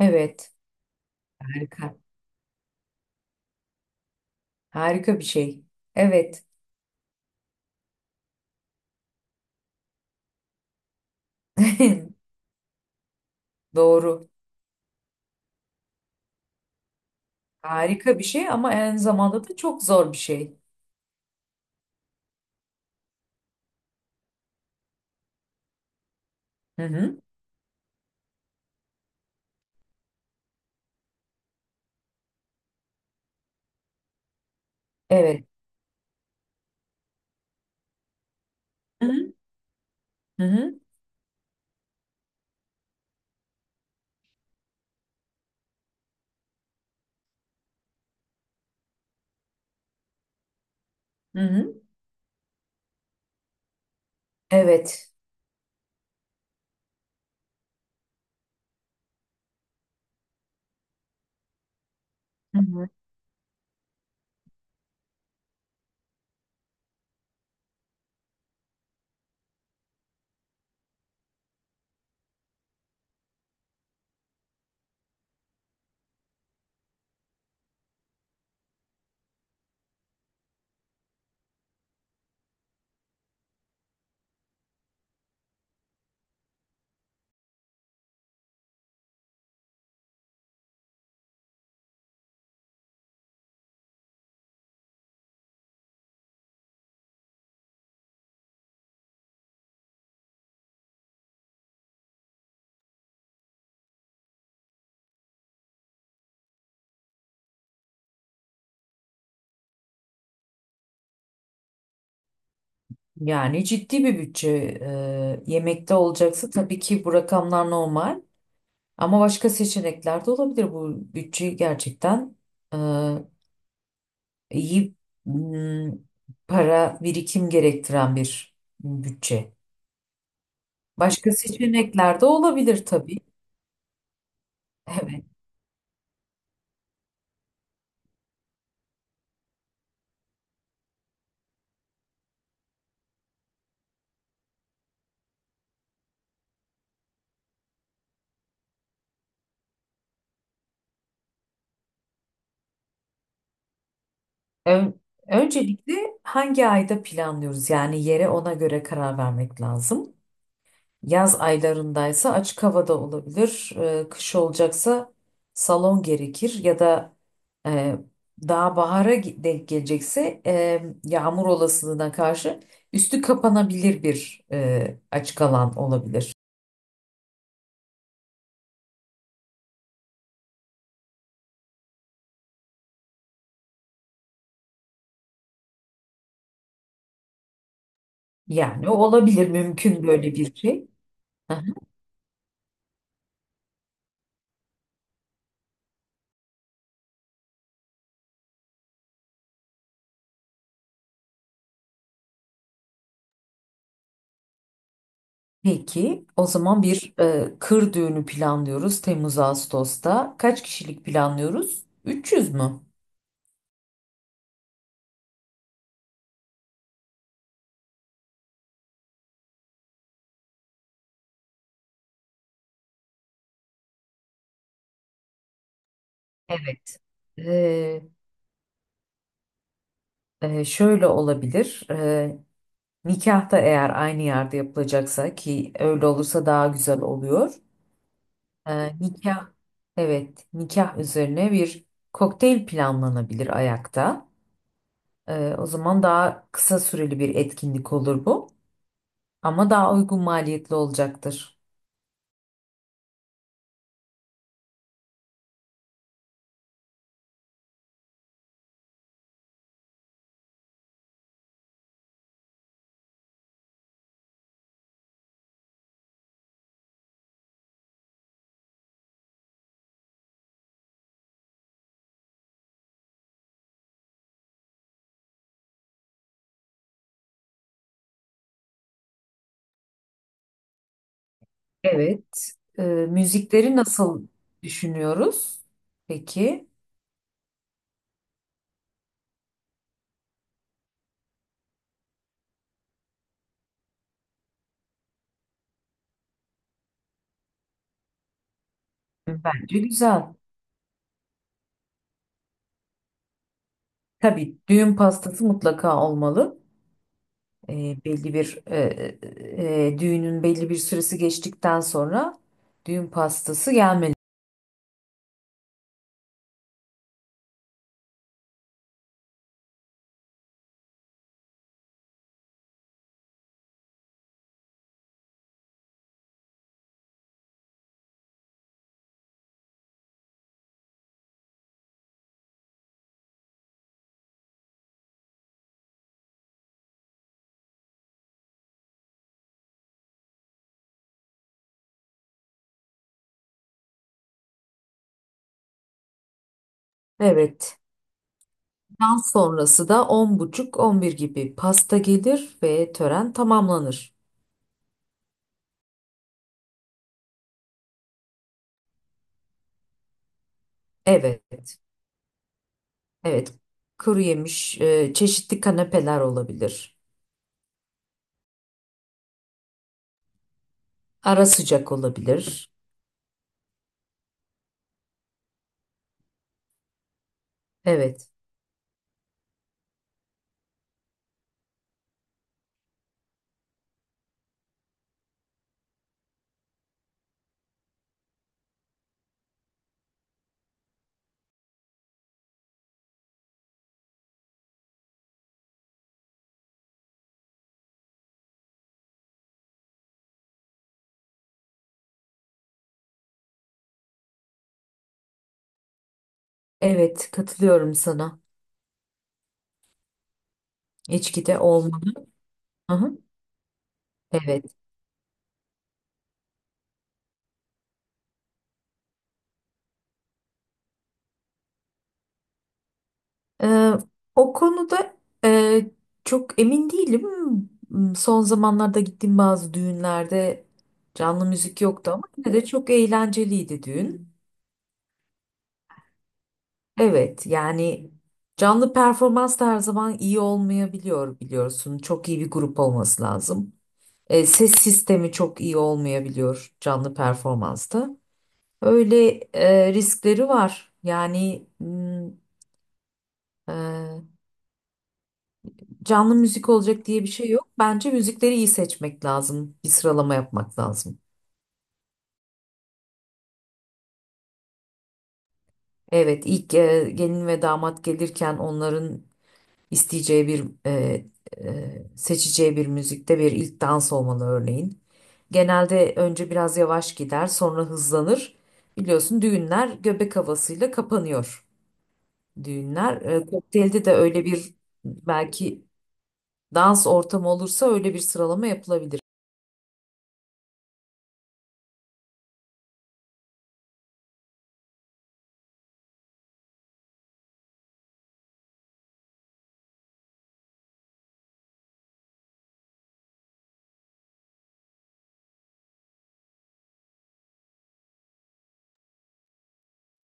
Evet. Harika. Harika bir şey. Evet. Doğru. Harika bir şey ama aynı zamanda da çok zor bir şey. Hı hı. Evet. Hı hı. Hı hı. Hı hı. Evet. Hı hı. Yani ciddi bir bütçe, yemekte olacaksa tabii ki bu rakamlar normal. Ama başka seçenekler de olabilir. Bu bütçeyi gerçekten e, iyi m, para birikim gerektiren bir bütçe. Başka seçenekler de olabilir tabii. Evet. Ön- Öncelikle hangi ayda planlıyoruz? Yani yere ona göre karar vermek lazım. Yaz aylarındaysa açık havada olabilir. Kış olacaksa salon gerekir ya da e, daha bahara denk gelecekse, yağmur olasılığına karşı üstü kapanabilir bir açık alan olabilir. Yani o olabilir mümkün böyle bir şey. Peki, o zaman bir kır düğünü planlıyoruz Temmuz-Ağustos'ta. Kaç kişilik planlıyoruz? 300 mü? Evet. Ee, şöyle olabilir. Nikahta eğer aynı yerde yapılacaksa ki öyle olursa daha güzel oluyor. Nikah, evet, nikah üzerine bir kokteyl planlanabilir ayakta. O zaman daha kısa süreli bir etkinlik olur bu. Ama daha uygun maliyetli olacaktır. Evet. Müzikleri nasıl düşünüyoruz? Peki. Bence güzel. Tabii düğün pastası mutlaka olmalı. Ee, belli bir düğünün belli bir süresi geçtikten sonra düğün pastası gelmeli. Evet. Dans sonrası da 10.30 11 gibi pasta gelir ve tören tamamlanır. Evet, evet. Kuru yemiş, çeşitli kanepeler olabilir. Ara sıcak olabilir. Evet, evet katılıyorum sana. İçki de olmalı. Aha, evet. Ee, o konuda e, çok emin değilim. Son zamanlarda gittiğim bazı düğünlerde canlı müzik yoktu ama yine de çok eğlenceliydi düğün. Evet yani canlı performans da her zaman iyi olmayabiliyor biliyorsun. Çok iyi bir grup olması lazım. Ses sistemi çok iyi olmayabiliyor canlı performansta. Öyle riskleri var. Yani e, canlı müzik olacak diye bir şey yok. Bence müzikleri iyi seçmek lazım. Bir sıralama yapmak lazım. Evet ilk gelin ve damat gelirken onların isteyeceği bir seçeceği bir müzikte bir ilk dans olmalı örneğin. Genelde önce biraz yavaş gider, sonra hızlanır. Biliyorsun düğünler göbek havasıyla kapanıyor. Düğünler kokteylde de öyle bir belki dans ortamı olursa öyle bir sıralama yapılabilir.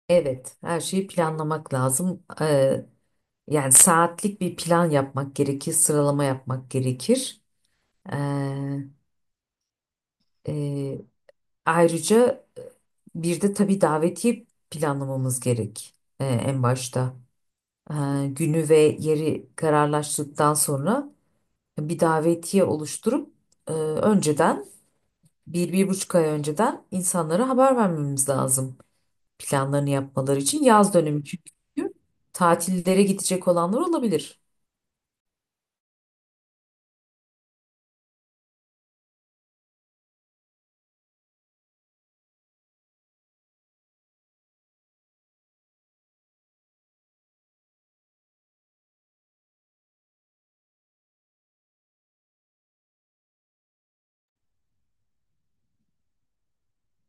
Evet, her şeyi planlamak lazım. Yani saatlik bir plan yapmak gerekir, sıralama yapmak gerekir. E, e, ayrıca e, bir de tabii davetiye planlamamız gerek, en başta. e, günü ve yeri kararlaştıktan sonra bir davetiye oluşturup önceden bir, 1,5 ay önceden insanlara haber vermemiz lazım. Planlarını yapmaları için yaz dönemi çünkü tatillere gidecek olanlar olabilir.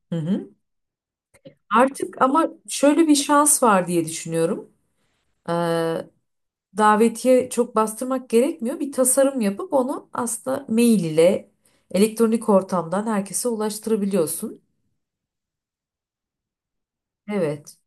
Hı hı. Artık ama şöyle bir şans var diye düşünüyorum. E, davetiye çok bastırmak gerekmiyor. Bir tasarım yapıp onu aslında mail ile elektronik ortamdan herkese ulaştırabiliyorsun. Evet.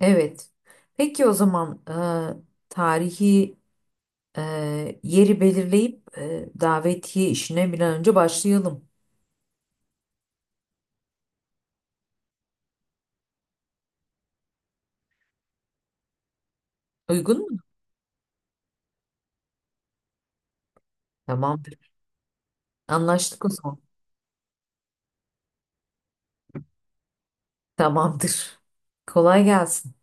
Evet. Peki o zaman tarihi, yeri belirleyip, davetiye işine bir an önce başlayalım. Uygun mu? Tamamdır. Anlaştık o zaman. Tamamdır. Kolay gelsin.